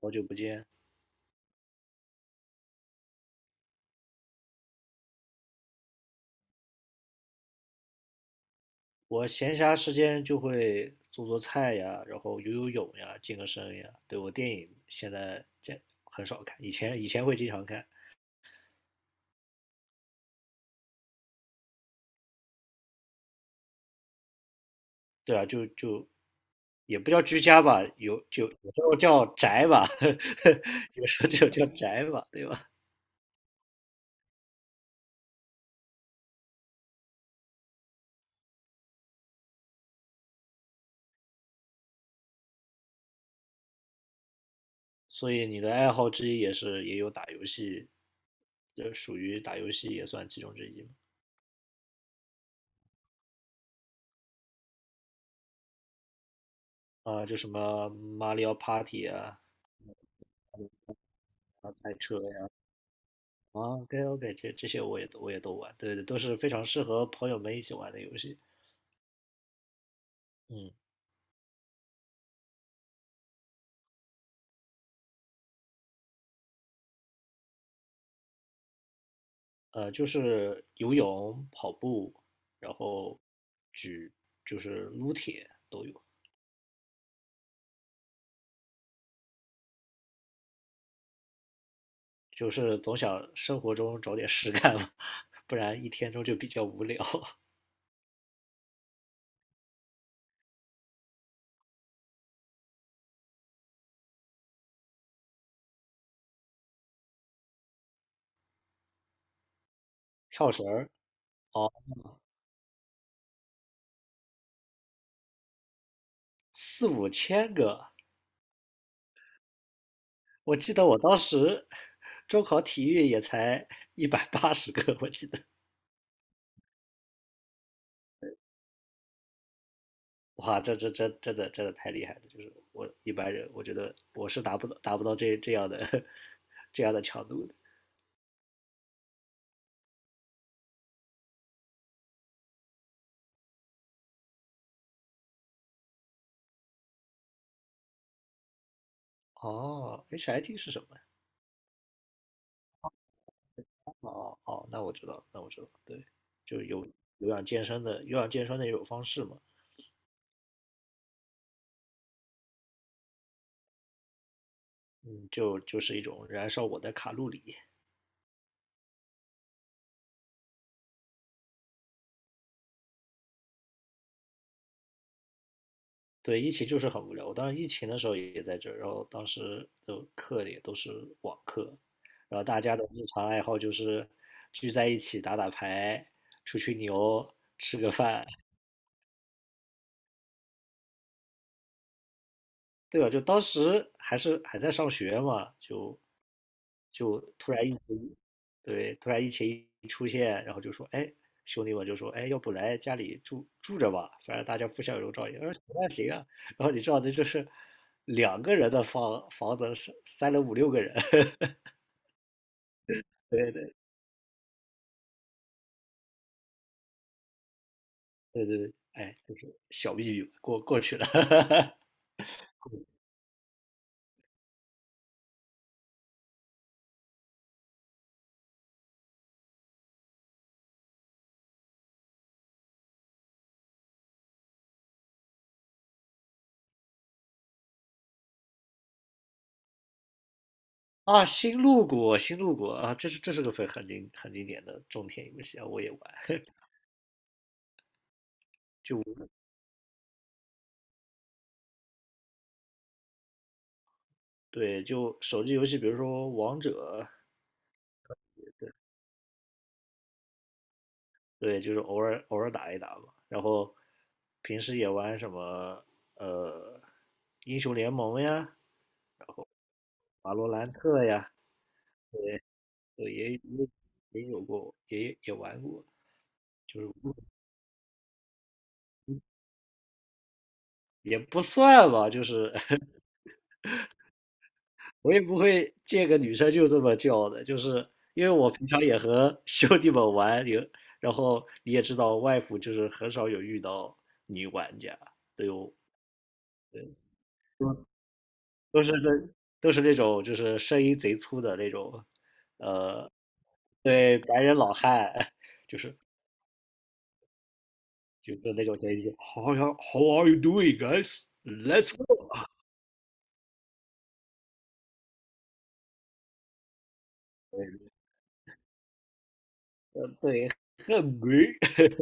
好久不见，我闲暇时间就会做做菜呀，然后游游泳呀，健个身呀。对，我电影现在这很少看，以前会经常看。对啊，就也不叫居家吧，有时候叫宅吧，有时候就叫宅吧，对吧？所以你的爱好之一也有打游戏，这属于打游戏也算其中之一嘛。啊，就什么马里奥 Party 啊，啊赛车呀。啊，OK OK,这些我也都玩，对对，都是非常适合朋友们一起玩的游戏。嗯，就是游泳、跑步，然后举就是撸铁都有，就是总想生活中找点事干嘛，不然一天中就比较无聊。跳绳儿，哦，四五千个，我记得我当时中考体育也才一百八十个，我记得。哇，这真的真的太厉害了！就是我一般人，我觉得我是达不到这样的 这样的强度的。哦，HIT 是什么呀？哦哦，那我知道了，那我知道了，对，就有氧健身的一种方式嘛，嗯，就是一种燃烧我的卡路里。对，疫情就是很无聊。我当时疫情的时候也在这儿，然后当时的课也都是网课，然后大家的日常爱好就是聚在一起打打牌、吹吹牛、吃个饭，对吧？就当时还在上学嘛，就突然疫情，对，突然疫情一出现，然后就说，哎，兄弟们就说，哎，要不来家里住住着吧，反正大家互相有笼罩也。我说行啊行啊，然后你知道的就是两个人的房子塞了五六个人，对对对对对，哎，就是小秘密过去了。啊，新路谷，新路谷啊，这是个很经典的种田游戏啊，我也玩。对，就手机游戏，比如说王者，对，就是偶尔打一打嘛。然后平时也玩什么呃英雄联盟呀、瓦罗兰特呀，对，也有过，也玩过，就是也不算吧，就是 我也不会见个女生就这么叫的，就是因为我平常也和 兄弟们玩，有，然后你也知道，外服就是很少有遇到女玩家，对我。都是这都是那种就是声音贼粗的那种，呃，对白人老汉，就是就是那种声音，How are you doing, guys? Let's go. 对，很美。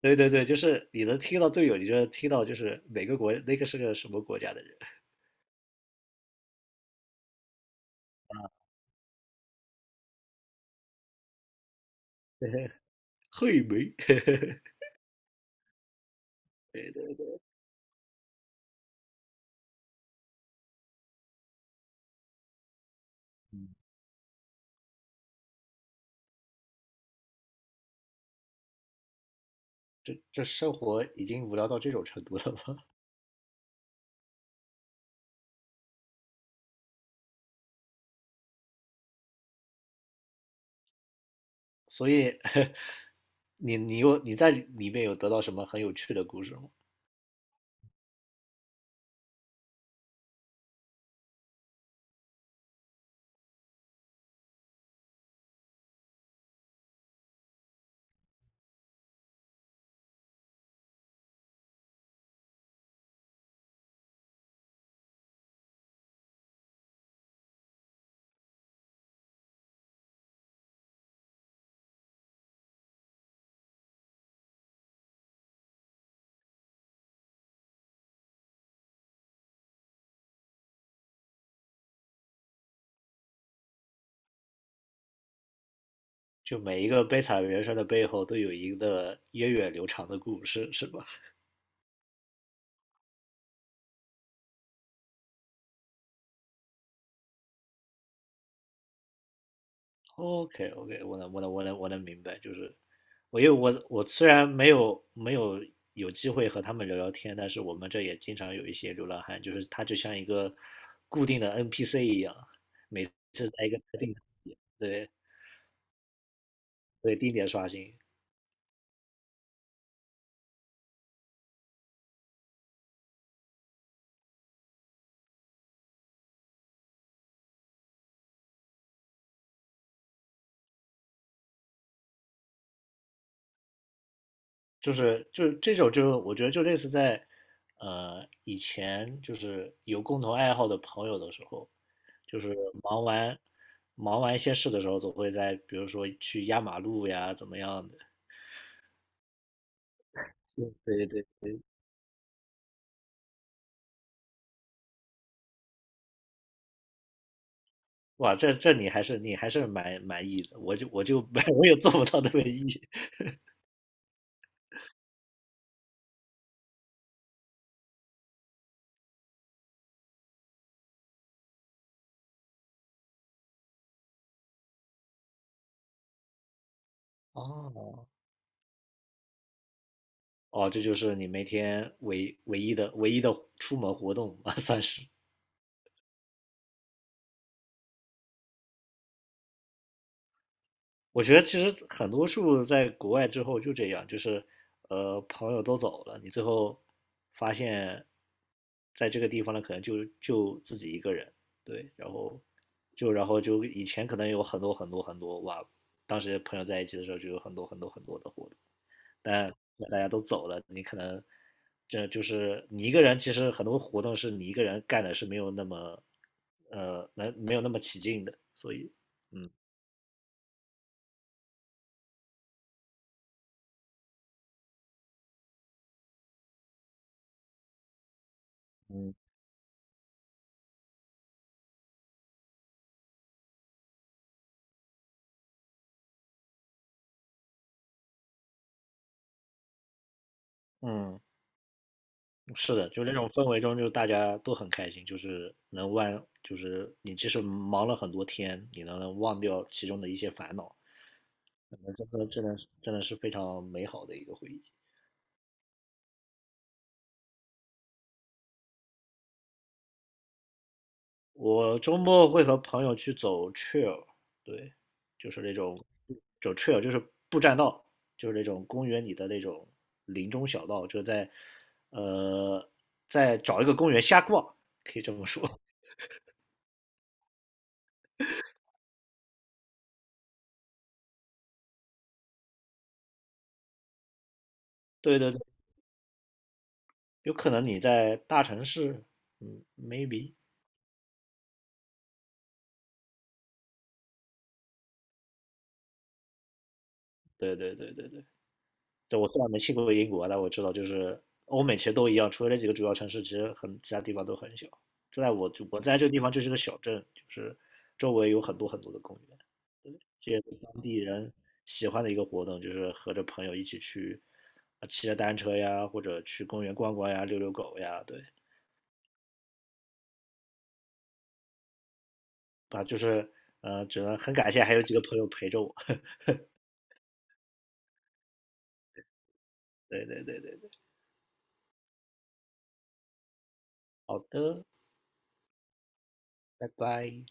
对对对，就是你能听到队友，你就能听到就是每个国那个是个什么国家的人，嘿没，对对，这生活已经无聊到这种程度了吗？所以 你在里面有得到什么很有趣的故事吗？就每一个悲惨人生的背后都有一个源远流长的故事，是吧？OK OK,我能明白，就是因为我虽然没有机会和他们聊聊天，但是我们这也经常有一些流浪汉，就是他就像一个固定的 NPC 一样，每次在一个特定的，对对，定点刷新，就是这种就是我觉得就类似在以前就是有共同爱好的朋友的时候。就是忙完忙完一些事的时候，总会在比如说去压马路呀，怎么样的。嗯对对对，哇，这这你还是你还是蛮满意的，我就 我也做不到那么 E。哦哦，这就是你每天唯一的出门活动吧，算是。我觉得其实很多数在国外之后就这样，就是朋友都走了，你最后发现在这个地方呢，可能就自己一个人，对，然后就以前可能有很多很多很多哇，当时朋友在一起的时候就有很多很多很多的活动，但大家都走了，你可能这就是你一个人，其实很多活动是你一个人干的是没有那么没有那么起劲的，所以。嗯嗯嗯。是的，就那种氛围中，就大家都很开心，就是能忘，就是你即使忙了很多天，你能忘掉其中的一些烦恼，可能真的是非常美好的一个回忆。我周末会和朋友去走 trail，对，就是那种走 trail 就是步栈道，就是那种公园里的那种林中小道，呃在找一个公园瞎逛，可以这么说。对对对，有可能你在大城市，嗯，maybe，对对对对对，对，我虽然没去过英国，但我知道就是欧美其实都一样，除了这几个主要城市，其实其他地方都很小。就在我我在这个地方就是个小镇，就是周围有很多很多的公园，这也是当地人喜欢的一个活动，就是和着朋友一起去，骑着单车呀，或者去公园逛逛呀，遛遛狗呀，对，啊，就是只能很感谢还有几个朋友陪着我。对对对对对，好的，拜拜。